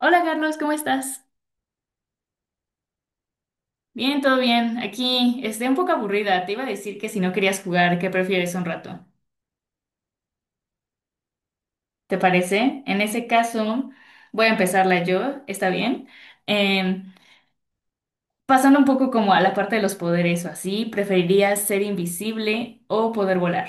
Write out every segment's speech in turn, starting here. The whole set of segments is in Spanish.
Hola Carlos, ¿cómo estás? Bien, todo bien. Aquí estoy un poco aburrida. Te iba a decir que si no querías jugar, ¿qué prefieres un rato? ¿Te parece? En ese caso, voy a empezarla yo, ¿está bien? Eh, pasando un poco como a la parte de los poderes o así, ¿preferirías ser invisible o poder volar?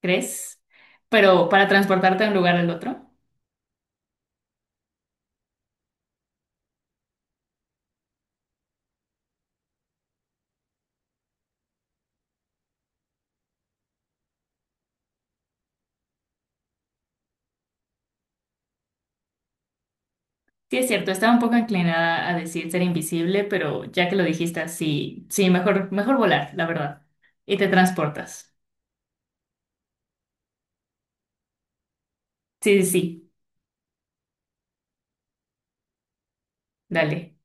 ¿Crees? Pero para transportarte de un lugar al otro. Sí, es cierto, estaba un poco inclinada a decir ser invisible, pero ya que lo dijiste así, sí, mejor, mejor volar, la verdad. Y te transportas. Sí, sí, sí, dale.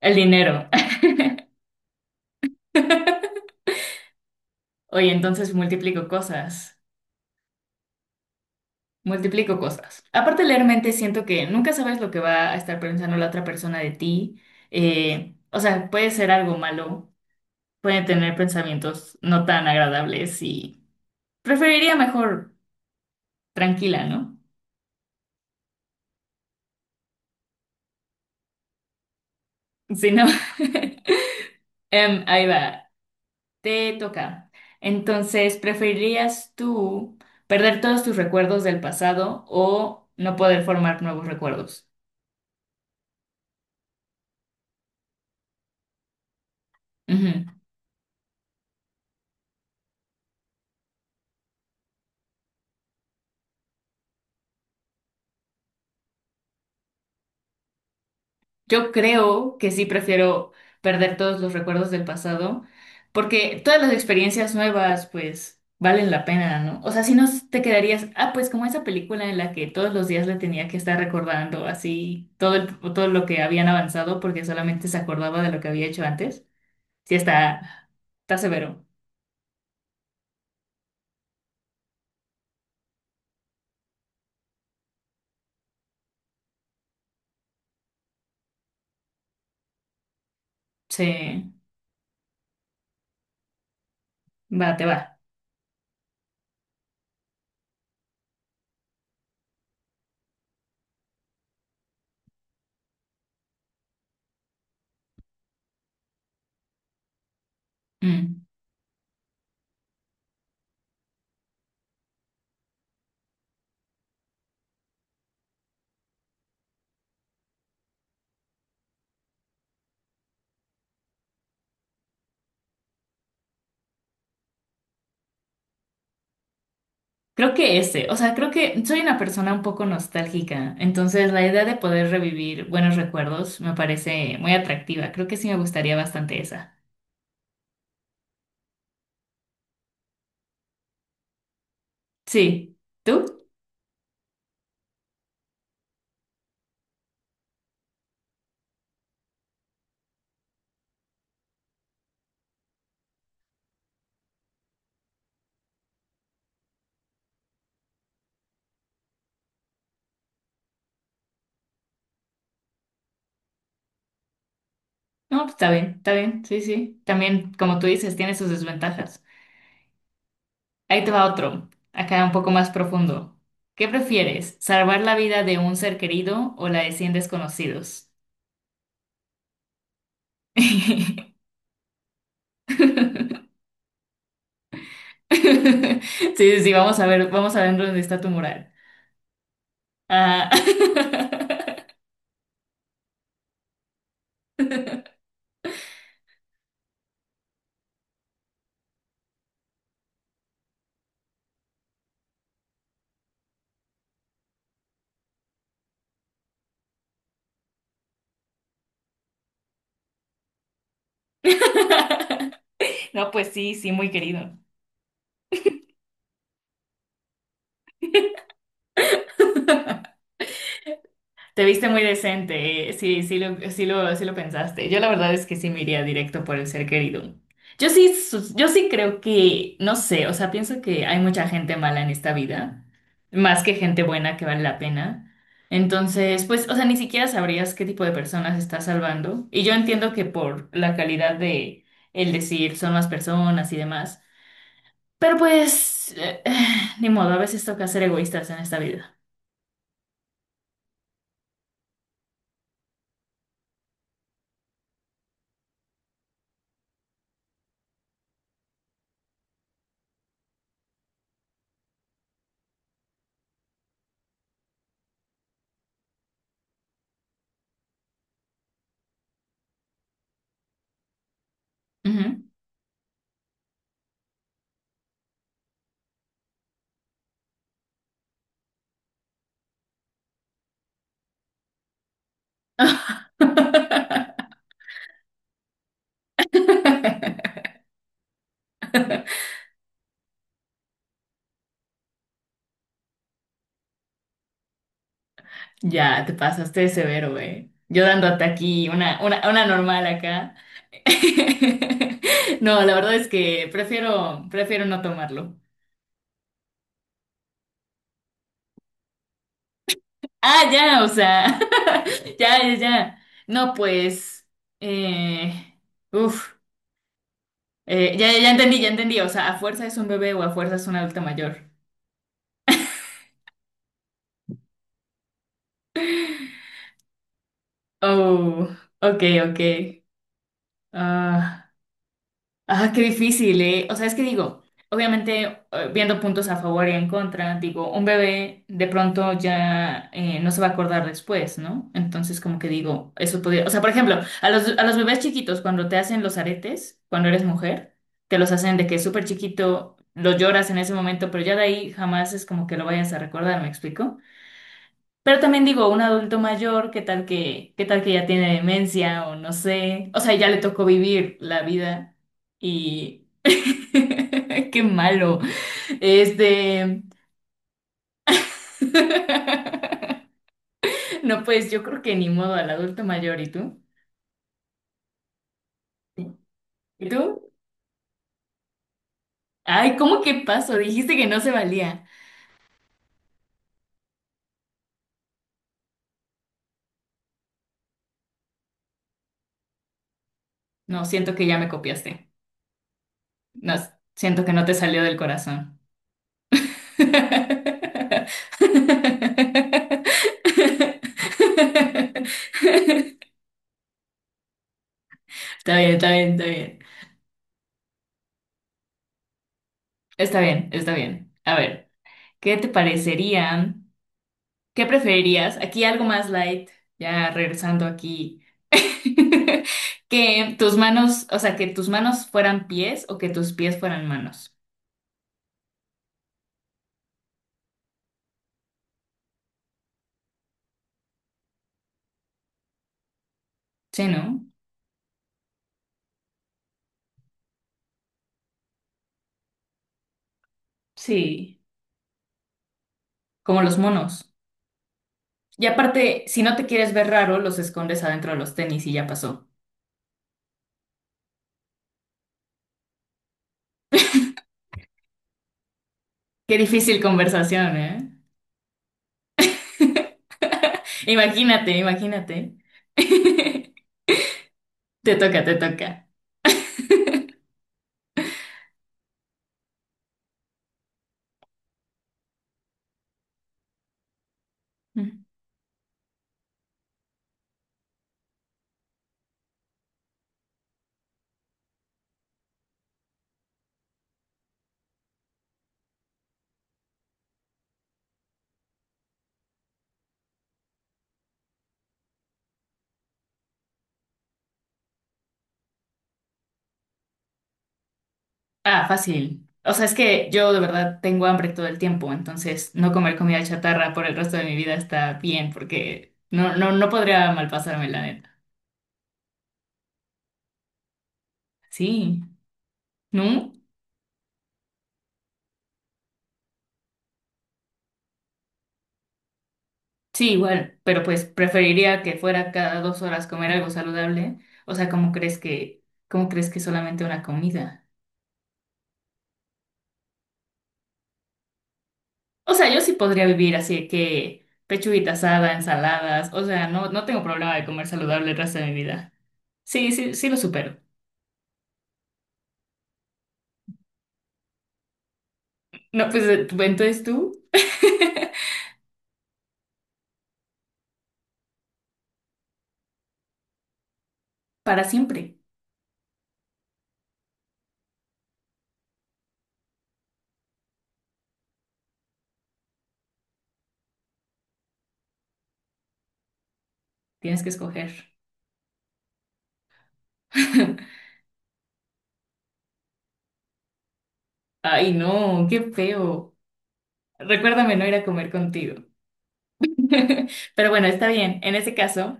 El dinero. Oye, entonces multiplico cosas. Multiplico cosas. Aparte, leer mente, siento que nunca sabes lo que va a estar pensando la otra persona de ti. O sea, puede ser algo malo, puede tener pensamientos no tan agradables y preferiría mejor tranquila, ¿no? Si no. Ahí va. Te toca. Entonces, ¿preferirías tú perder todos tus recuerdos del pasado o no poder formar nuevos recuerdos? Ujú. Yo creo que sí prefiero perder todos los recuerdos del pasado porque todas las experiencias nuevas, pues, valen la pena, ¿no? O sea, si no te quedarías, ah, pues como esa película en la que todos los días le tenía que estar recordando así todo lo que habían avanzado porque solamente se acordaba de lo que había hecho antes. Sí, está severo. Sí. Va, te va. Mm. Creo que ese, o sea, creo que soy una persona un poco nostálgica, entonces la idea de poder revivir buenos recuerdos me parece muy atractiva. Creo que sí me gustaría bastante esa. Sí. ¿Tú? No, pues está bien, sí, sí. También, como tú dices, tiene sus desventajas. Ahí te va otro, acá un poco más profundo. ¿Qué prefieres, salvar la vida de un ser querido o la de 100 desconocidos? Sí, sí, sí, vamos a ver dónde está tu moral. Ah. No, pues sí, sí, muy querido. Te viste muy decente, ¿eh? Sí, sí lo pensaste. Yo la verdad es que sí me iría directo por el ser querido. Yo sí creo que, no sé, o sea, pienso que hay mucha gente mala en esta vida, más que gente buena que vale la pena. Entonces, pues, o sea, ni siquiera sabrías qué tipo de personas estás salvando. Y yo entiendo que por la calidad de el decir son más personas y demás. Pero pues, ni modo, a veces toca ser egoístas en esta vida. Ujú. Ya, te pasaste de severo, güey. Yo dándote aquí una normal acá. No, la verdad es que prefiero no tomarlo. Ah, ya, o sea, ya, ya, ya. No, pues, eh, uf, ya, ya entendí. O sea, a fuerza es un bebé o a fuerza es un adulto mayor. Oh, ok, ok. Ah, ah, qué difícil, ¿eh? O sea, es que digo, obviamente, viendo puntos a favor y en contra, digo, un bebé de pronto ya no se va a acordar después, ¿no? Entonces, como que digo, eso podría, o sea, por ejemplo, a los bebés chiquitos, cuando te hacen los aretes, cuando eres mujer, te los hacen de que es súper chiquito, lo lloras en ese momento, pero ya de ahí jamás es como que lo vayas a recordar, ¿me explico? Pero también digo, un adulto mayor, ¿qué tal que ya tiene demencia o no sé? O sea, ya le tocó vivir la vida y qué malo. Este, no, pues yo creo que ni modo al adulto mayor, ¿y tú? ¿Y tú? Ay, ¿cómo que pasó? Dijiste que no se valía. No, siento que ya me copiaste. No, siento que no te salió del corazón. Está bien, está bien, está bien. Está bien, está bien. A ver, ¿qué te parecerían? ¿Qué preferirías? Aquí algo más light, ya regresando aquí. Que tus manos, o sea, que tus manos fueran pies o que tus pies fueran manos. Sí, ¿no? Sí, como los monos. Y aparte, si no te quieres ver raro, los escondes adentro de los tenis y ya pasó. Qué difícil conversación, ¿eh? Imagínate, imagínate. Te toca, te toca. Ah, fácil. O sea, es que yo de verdad tengo hambre todo el tiempo, entonces no comer comida chatarra por el resto de mi vida está bien, porque no, no, no podría malpasarme, la neta. Sí, ¿no? Sí, igual, pero pues preferiría que fuera cada 2 horas comer algo saludable. O sea, ¿cómo crees que solamente una comida? O sea, yo sí podría vivir así que pechuguita asada, ensaladas, o sea, no, no tengo problema de comer saludable el resto de mi vida. Sí, sí, sí lo supero. No, pues entonces tú. Para siempre. Tienes que escoger. Ay, no, qué feo. Recuérdame no ir a comer contigo. Pero bueno, está bien. En ese caso,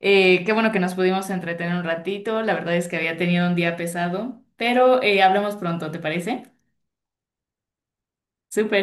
qué bueno que nos pudimos entretener un ratito. La verdad es que había tenido un día pesado, pero hablamos pronto, ¿te parece? Súper.